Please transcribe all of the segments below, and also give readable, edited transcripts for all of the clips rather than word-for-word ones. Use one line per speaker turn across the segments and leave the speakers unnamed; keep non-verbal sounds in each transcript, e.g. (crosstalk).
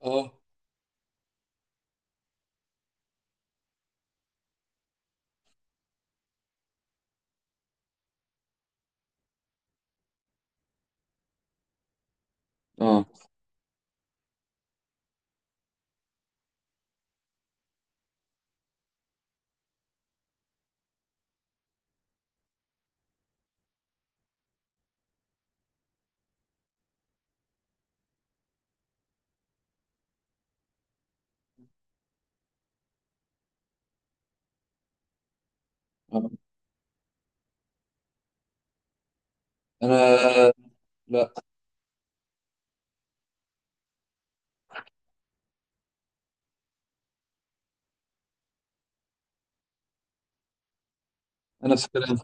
اه اه آه. انا لا انا نفس الكلام.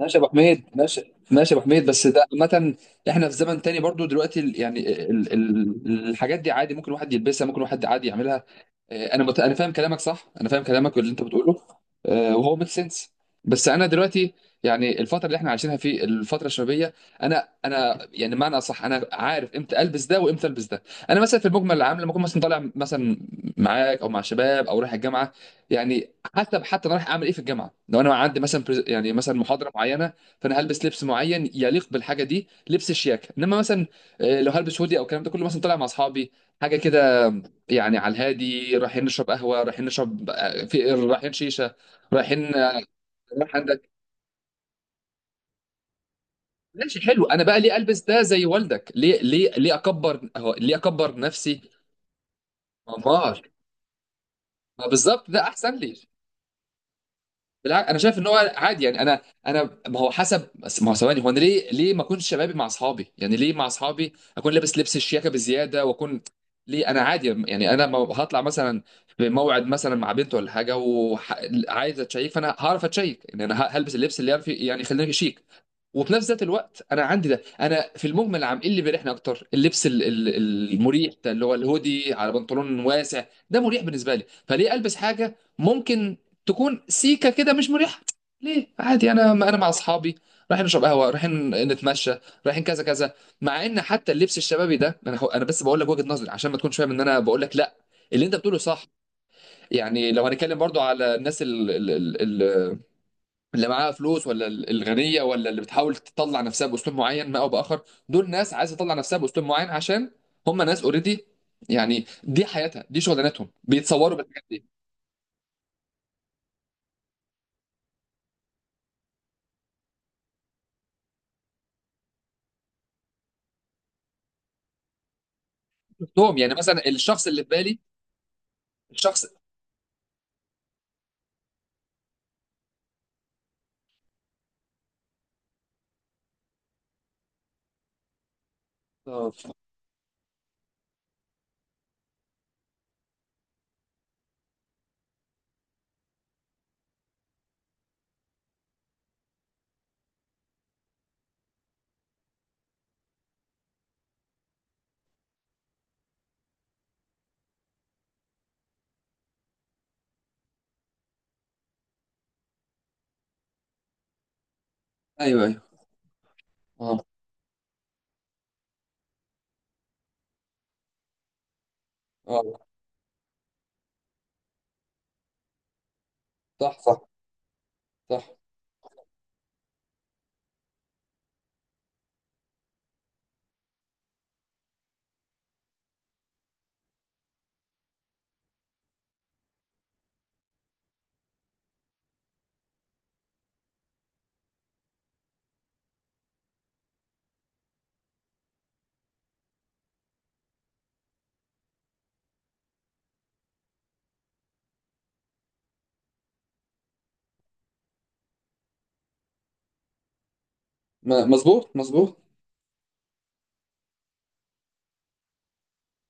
ماشي يا ابو حميد، ماشي يا ابو حميد. بس ده عامة احنا في زمن تاني برضو دلوقتي يعني الحاجات دي عادي، ممكن واحد يلبسها، ممكن واحد عادي يعملها. انا فاهم كلامك صح، انا فاهم كلامك واللي انت بتقوله. وهو ميك سنس. بس انا دلوقتي يعني الفتره اللي احنا عايشينها في الفتره الشبابيه، انا يعني معنى اصح انا عارف امتى البس ده وامتى البس ده. انا مثلا في المجمل العام لما اكون مثلا طالع مثلا معاك او مع شباب او رايح الجامعه، يعني حسب حتى انا رايح اعمل ايه في الجامعه. لو انا عندي مثلا يعني مثلا محاضره معينه، فانا هلبس لبس معين يليق بالحاجه دي، لبس الشياكه. انما مثلا لو هلبس هودي او الكلام ده كله مثلا طالع مع اصحابي، حاجه كده، يعني على الهادي رايحين نشرب قهوه، رايحين نشرب في رايحين شيشه، رايحين رايح عندك. ماشي، حلو، انا بقى ليه البس ده زي والدك؟ ليه ليه ليه اكبر نفسي؟ ما ما بالظبط ده احسن لي. بالعكس، انا شايف ان هو عادي. يعني انا ما هو حسب. بس ما هو ثواني، هو انا ليه ليه ما اكونش شبابي مع اصحابي؟ يعني ليه مع اصحابي اكون لابس لبس الشياكه بزياده واكون؟ ليه؟ انا عادي يعني. انا ما هطلع مثلا في موعد مثلا مع بنت ولا حاجه وعايز اتشيك، فانا هعرف اتشيك. يعني انا هلبس اللبس اللي يعرف يعني يخليني شيك. وفي نفس ذات الوقت انا عندي ده. انا في المجمل عام ايه اللي بيريحني اكتر؟ اللبس المريح ده، اللي هو الهودي على بنطلون واسع. ده مريح بالنسبه لي، فليه البس حاجه ممكن تكون سيكه كده مش مريحه؟ ليه؟ عادي. انا مع اصحابي رايحين نشرب قهوه، رايحين نتمشى، رايحين كذا كذا. مع ان حتى اللبس الشبابي ده انا بس بقول لك وجهه نظري عشان ما تكونش فاهم ان انا بقول لك لا، اللي انت بتقوله صح. يعني لو هنتكلم برضو على الناس اللي معاها فلوس، ولا الغنيه، ولا اللي بتحاول تطلع نفسها باسلوب معين ما او باخر، دول ناس عايزه تطلع نفسها باسلوب معين عشان هم ناس اوريدي. يعني دي حياتها، دي شغلانتهم، بيتصوروا بالحاجات دي. شفتهم يعني مثلا الشخص اللي في بالي، الشخص آه، ايوه ايوه. اه اه. صح صح، صح. مظبوط مظبوط.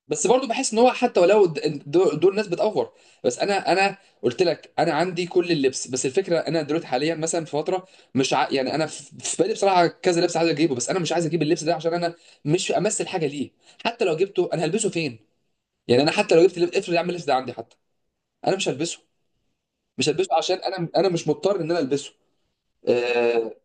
بس برضو بحس ان هو حتى ولو دول ناس بتأفور. بس انا قلت لك انا عندي كل اللبس. بس الفكره انا دلوقتي حاليا مثلا في فتره مش ع... يعني انا في بالي بصراحه كذا لبس عايز اجيبه، بس انا مش عايز اجيب اللبس ده عشان انا مش امثل حاجه ليه. حتى لو جبته انا هلبسه فين؟ يعني انا حتى لو افرض يا عم اللبس ده عندي، حتى انا مش هلبسه، مش هلبسه عشان انا مش مضطر ان انا البسه. آه...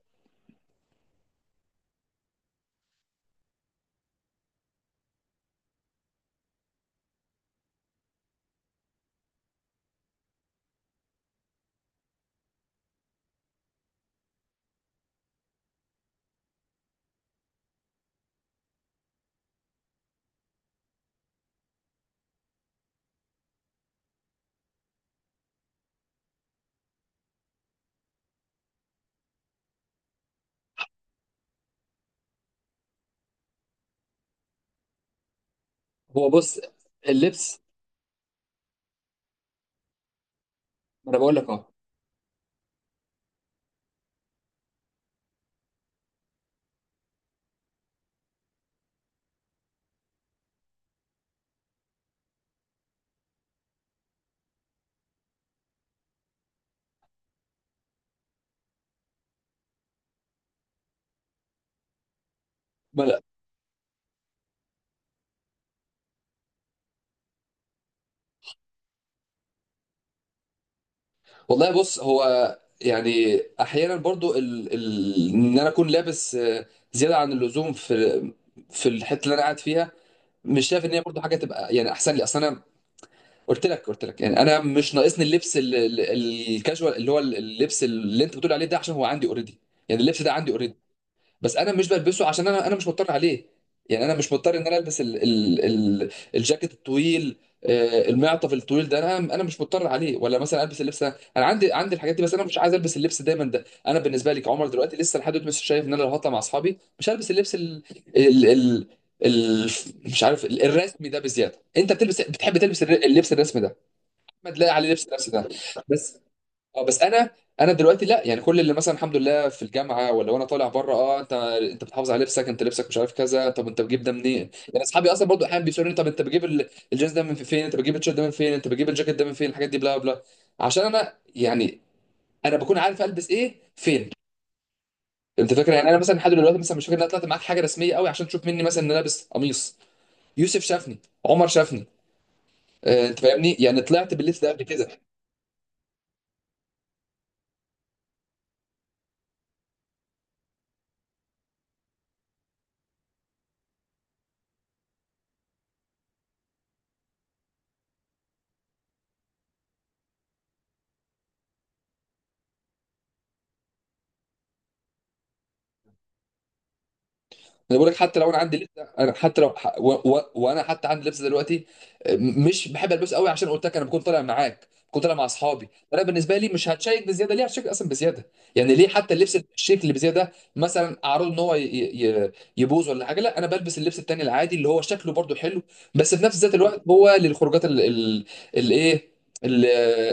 هو بص اللبس. ما انا بقول لك اه. والله بص، هو يعني احيانا برضو ان انا اكون لابس آه، زياده عن اللزوم في في الحته اللي انا قاعد فيها، مش شايف ان هي برضو حاجه تبقى يعني احسن لي. اصل انا قلت لك، قلت لك يعني انا مش ناقصني اللبس الكاجوال اللي هو اللبس اللي انت بتقول عليه ده، عشان هو عندي اوريدي. يعني اللبس ده عندي اوريدي. بس انا مش بلبسه عشان انا مش مضطر عليه. يعني انا مش مضطر ان انا البس ال ال ال الجاكيت الطويل، آه، المعطف الطويل ده، انا مش مضطر عليه، ولا مثلا البس اللبس ده. انا عندي الحاجات دي، بس انا مش عايز البس اللبس دايما ده. انا بالنسبه لي كعمر دلوقتي لسه لحد دلوقتي مش شايف ان انا لو هطلع مع اصحابي مش هلبس اللبس ال ال ال ال مش عارف الرسمي ده بزياده. انت بتلبس، بتحب تلبس اللبس الرسمي ده، ما تلاقي عليه لبس الرسمي ده. بس اه بس انا، انا دلوقتي لا، يعني كل اللي مثلا الحمد لله في الجامعه ولا وانا طالع بره. اه، انت بتحافظ على لبسك، انت لبسك مش عارف كذا. طب انت بتجيب ده منين؟ يعني اصحابي اصلا برضو احيانا بيسالوني: طب انت بتجيب الجينز ده من فين؟ انت بتجيب التيشيرت ده من فين؟ انت بتجيب الجاكيت ده من فين؟ الحاجات دي بلا بلا. عشان انا يعني انا بكون عارف البس ايه فين. انت فاكر يعني انا مثلا لحد دلوقتي مثلا مش فاكر ان انا طلعت معاك حاجه رسميه قوي عشان تشوف مني مثلا ان انا لابس قميص. يوسف شافني، عمر شافني، آه، انت فاهمني، يعني طلعت باللبس ده قبل كده. انا بقول لك حتى لو انا عندي لبسه، انا حتى لو وانا حتى عندي لبسه دلوقتي مش بحب البسه قوي، عشان قلت لك انا بكون طالع معاك، بكون طالع مع اصحابي. انا بالنسبه لي مش هتشيك بزياده، ليه هتشيك اصلا بزياده؟ يعني ليه حتى اللبس الشيك اللي بزياده مثلا اعرضه ان هو ي... يبوظ ولا حاجه؟ لا، انا بلبس اللبس التاني العادي اللي هو شكله برضو حلو، بس في نفس ذات الوقت هو للخروجات الايه، ال-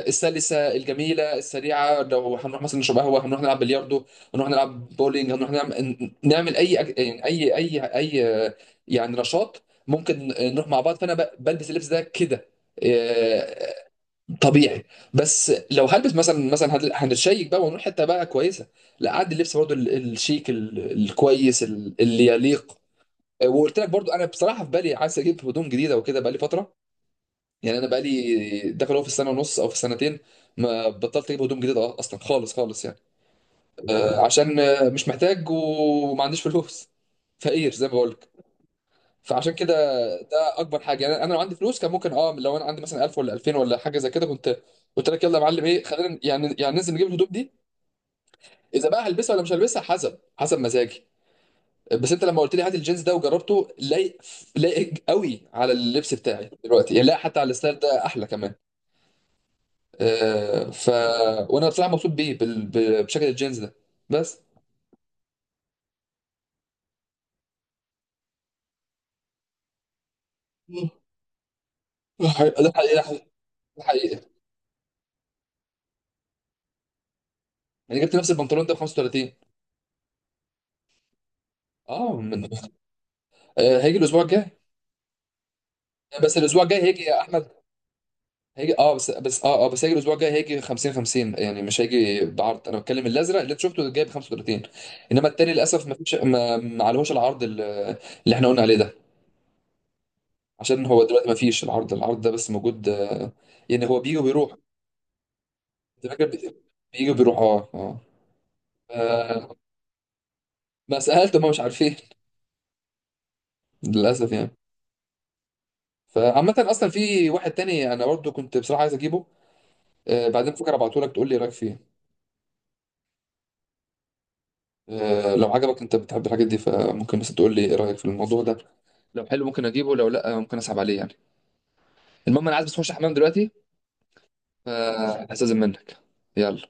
السلسه الجميله السريعه. لو هنروح مثلا نشرب قهوه، هنروح نلعب بلياردو، نروح نلعب بولينج، نروح نعمل، نعمل يعني اي يعني نشاط ممكن نروح مع بعض، فانا بلبس اللبس ده كده آه، طبيعي. بس لو هلبس مثلا، مثلا هنتشيك بقى ونروح حته بقى كويسه، لا عاد اللبس برضو الشيك الكويس اللي يليق. وقلت لك برضو انا بصراحه في بالي عايز اجيب هدوم جديده وكده، بقى لي فتره. يعني انا بقى لي داخل هو في السنه ونص او في السنتين ما بطلت اجيب هدوم جديده اصلا، خالص خالص، يعني آه، عشان آه، مش محتاج وما عنديش فلوس، فقير زي ما بقول لك. فعشان كده ده اكبر حاجه. يعني انا لو عندي فلوس كان ممكن اه، لو انا عندي مثلا 1000 ولا 2000 ولا حاجه زي كده، كنت قلت لك يلا يا معلم ايه، خلينا يعني، يعني ننزل نجيب الهدوم دي. اذا بقى هلبسها ولا مش هلبسها، حسب حسب مزاجي. بس انت لما قلت لي هات الجينز ده، وجربته، لايق، لايق قوي على اللبس بتاعي دلوقتي. يعني لا، حتى على الستايل ده احلى كمان. آه ف، وانا بصراحه مبسوط بيه بشكل الجينز ده. بس ده حقيقة، ده حقيقة، انا جبت نفس البنطلون ده ب 35. اه من آه، هيجي الاسبوع الجاي. بس الاسبوع الجاي هيجي يا احمد، هيجي اه، بس بس اه اه بس هيجي الاسبوع الجاي، هيجي 50 50، يعني مش هيجي بعرض. انا بتكلم الازرق اللي انت شفته جاي ب 35، انما التاني للاسف ما فيش، ما عليهوش العرض اللي احنا قلنا عليه ده. عشان هو دلوقتي ما فيش العرض، العرض ده بس موجود آه، يعني هو بيجي وبيروح. انت فاكر بيجي وبيروح اه اه آه، ما سالت، هم مش عارفين. (laughs) للاسف يعني. فعامة اصلا في واحد تاني انا برضه كنت بصراحه عايز اجيبه آه، بعدين فكرة ابعته لك تقول لي ايه رايك فيه. آه، لو عجبك، انت بتحب الحاجات دي، فممكن بس تقول لي ايه رايك في الموضوع ده. لو حلو ممكن اجيبه، لو لا ممكن اسحب عليه يعني. المهم انا عايز بس اخش الحمام دلوقتي، فهستاذن منك. يلا.